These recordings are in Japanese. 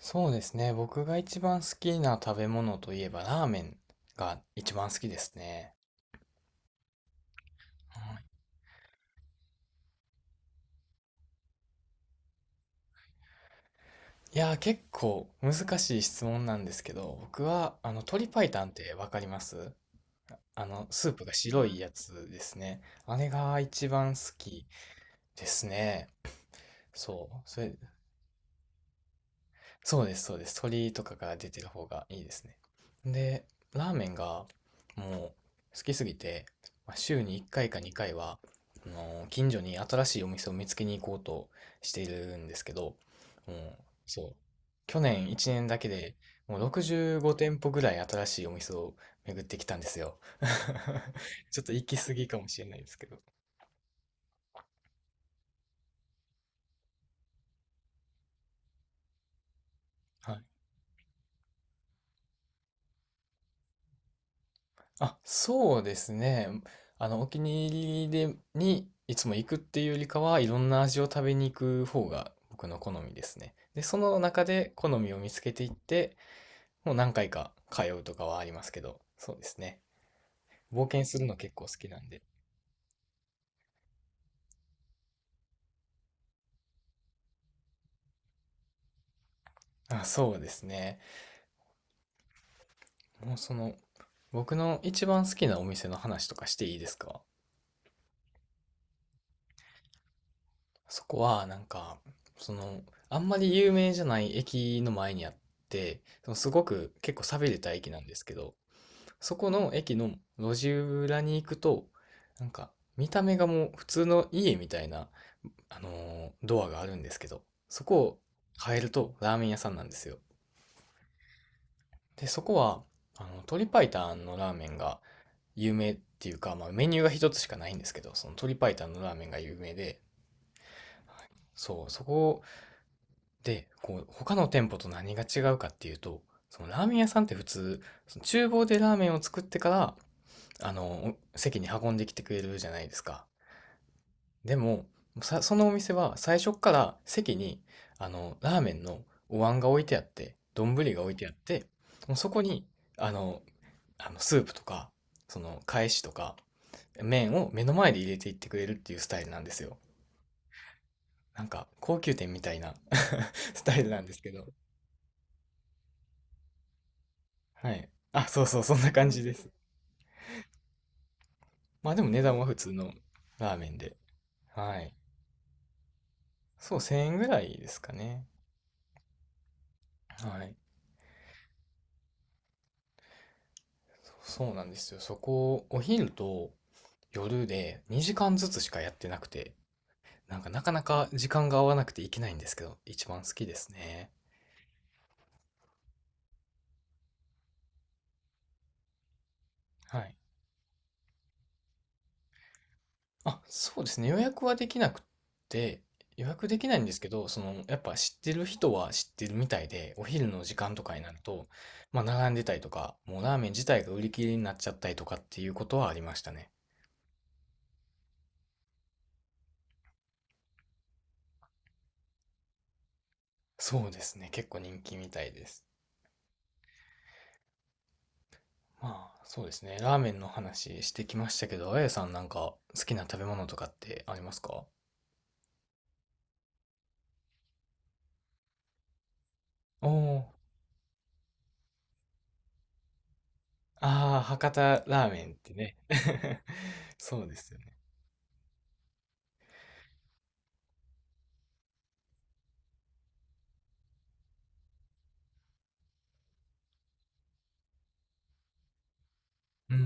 そうですね。僕が一番好きな食べ物といえばラーメンが一番好きですね。はい。結構難しい質問なんですけど、僕は鶏白湯ってわかります？あのスープが白いやつですね。あれが一番好きですね。そう。そうです、そうです。鶏とかが出てる方がいいですね。で、ラーメンがもう好きすぎて、週に1回か2回は、近所に新しいお店を見つけに行こうとしているんですけど、もう、そう。去年1年だけでもう65店舗ぐらい新しいお店を巡ってきたんですよ。ちょっと行き過ぎかもしれないですけど。はい。あ、そうですね。お気に入りで、にいつも行くっていうよりかは、いろんな味を食べに行く方が僕の好みですね。で、その中で好みを見つけていって、もう何回か通うとかはありますけど、そうですね。冒険するの結構好きなんで。あ、そうですね。もうその、僕の一番好きなお店の話とかしていいですか？そこは、その、あんまり有名じゃない駅の前にあって、そのすごく結構寂れた駅なんですけど、そこの駅の路地裏に行くと、なんか見た目がもう普通の家みたいな、ドアがあるんですけど、そこを変えるとラーメン屋さんなんですよ。で、そこは、鶏白湯のラーメンが有名っていうか、まあメニューが一つしかないんですけど、その鶏白湯のラーメンが有名で、そう、そこで、こう、他の店舗と何が違うかっていうと、そのラーメン屋さんって普通、その厨房でラーメンを作ってから、席に運んできてくれるじゃないですか。でも、そのお店は最初っから席に、ラーメンのお椀が置いてあって、丼が置いてあって、もうそこに、あの、あのスープとか、その、返しとか、麺を目の前で入れていってくれるっていうスタイルなんですよ。なんか、高級店みたいな スタイルなんですけど。はい。あ、そうそう、そんな感じです。まあでも値段は普通のラーメンで。はい。そう、1000円ぐらいですかね。はい。そうそうなんですよ。そこ、お昼と夜で2時間ずつしかやってなくて、なんかなかなか時間が合わなくていけないんですけど、一番好きですね。はい。あ、そうですね。予約はできなくて、予約できないんですけど、その、やっぱ知ってる人は知ってるみたいで、お昼の時間とかになると、まあ並んでたりとか、もうラーメン自体が売り切れになっちゃったりとかっていうことはありましたね。そうですね。結構人気みたいです。まあ、そうですね。ラーメンの話してきましたけど、あやさんなんか好きな食べ物とかってありますか？おー、ああ、博多ラーメンってね。そうですよね。うん。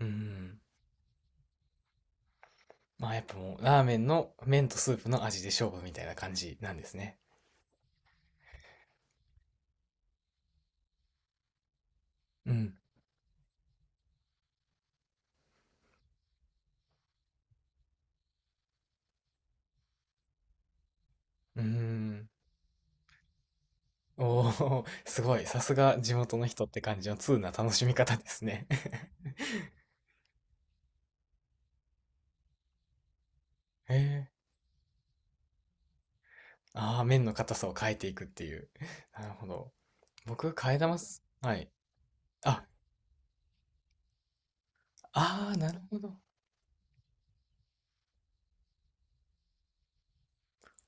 うんうん。まあやっぱもう、ラーメンの麺とスープの味で勝負みたいな感じなんですね。うん。うん。おお、すごい。さすが地元の人って感じの通な楽しみ方ですね。へえ。ああ、麺の硬さを変えていくっていう。なるほど。僕、替え玉すはい。あ、ああ、なるほど。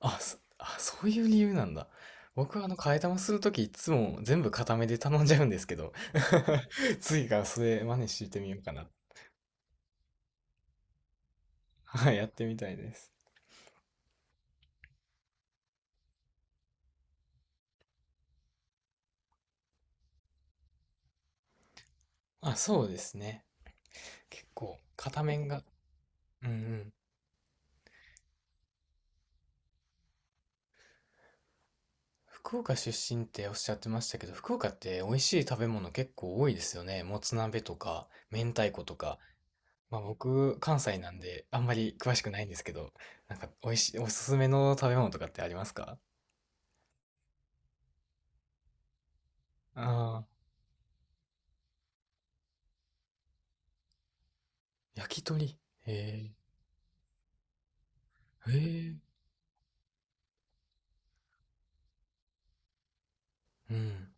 あ、そういう理由なんだ。僕は替え玉するときいつも全部固めで頼んじゃうんですけど、次からそれ真似してみようかな。はい、やってみたいです。あ、そうですね。結構、片面が、うんうん。福岡出身っておっしゃってましたけど、福岡って美味しい食べ物結構多いですよね。もつ鍋とか、明太子とか。まあ僕、関西なんであんまり詳しくないんですけど、なんか美味しい、おすすめの食べ物とかってありますか？ああー。焼き鳥。へえ。へえ。うん。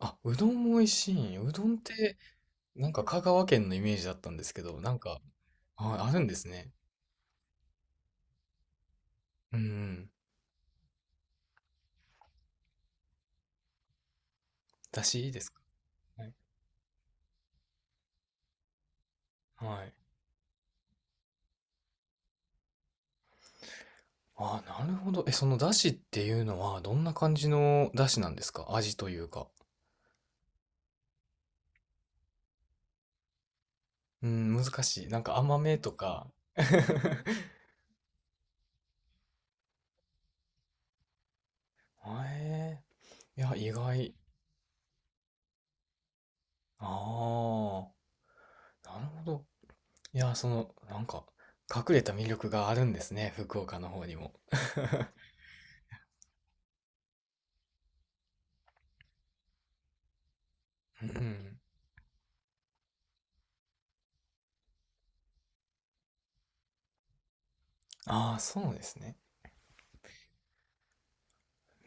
あ、うどんも美味しい。うどんって、なんか香川県のイメージだったんですけど、なんか、あ、あるんですね。うんうん。だしですか？はい。はい。あ、なるほど。え、そのだしっていうのは、どんな感じのだしなんですか？味というか。うん、難しい。なんか甘めとか。へえ。いや、意外。ああ。なるほど。いや、その、なんか、隠れた魅力があるんですね、福岡の方にも。うん。ああ、そうですね。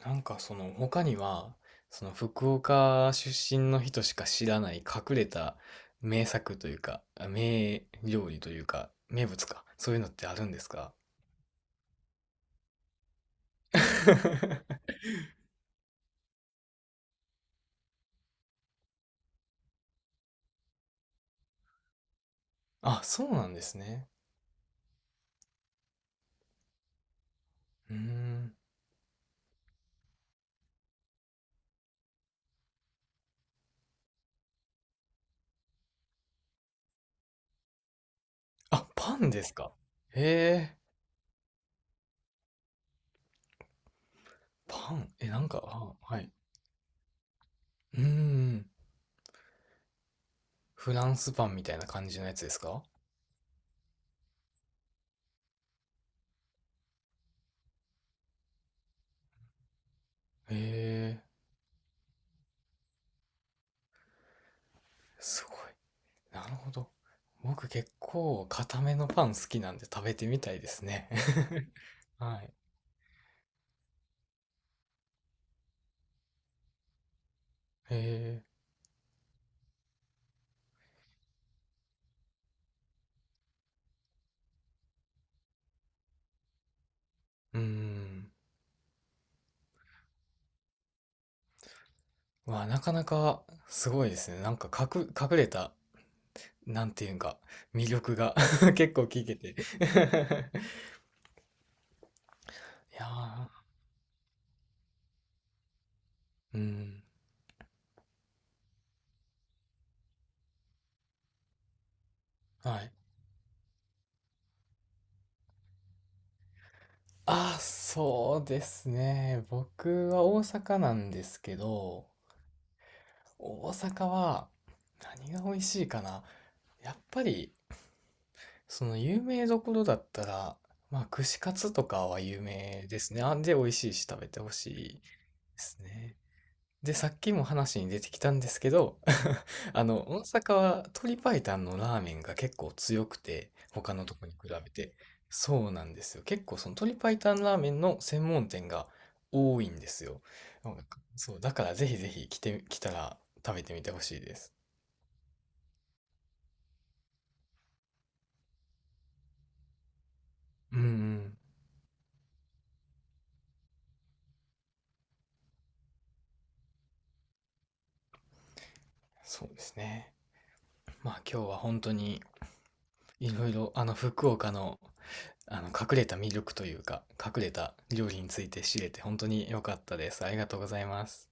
他には、その福岡出身の人しか知らない隠れた名作というか、名料理というか、名物か、そういうのってあるんですか？ あ、そうなんですね。うーん。あ、パンですか。へえ、パン。え、なんか、あ、はい。うーん。フランスパンみたいな感じのやつですか？へ、すごい。なるほど。僕結構固めのパン好きなんで食べてみたいですね。はい。へえ。うーん。わ、なかなかすごいですね。隠れた、なんていうんか、魅力が 結構聞けて。いやー、うん。はい。あー、そうですね。僕は大阪なんですけど、大阪は何が美味しいかな。やっぱりその有名どころだったら、まあ、串カツとかは有名ですね。あんで、美味しいし食べてほしいですね。で、さっきも話に出てきたんですけど、あの、大阪は鶏白湯のラーメンが結構強くて、他のとこに比べて。そうなんですよ。結構その鶏白湯ラーメンの専門店が多いんですよ。なんかそう、だからぜひぜひ来て、来たら食べてみてほしいです。うんうん。そうですね。まあ今日は本当にいろいろあの福岡のあの隠れた魅力というか隠れた料理について知れて本当に良かったです。ありがとうございます。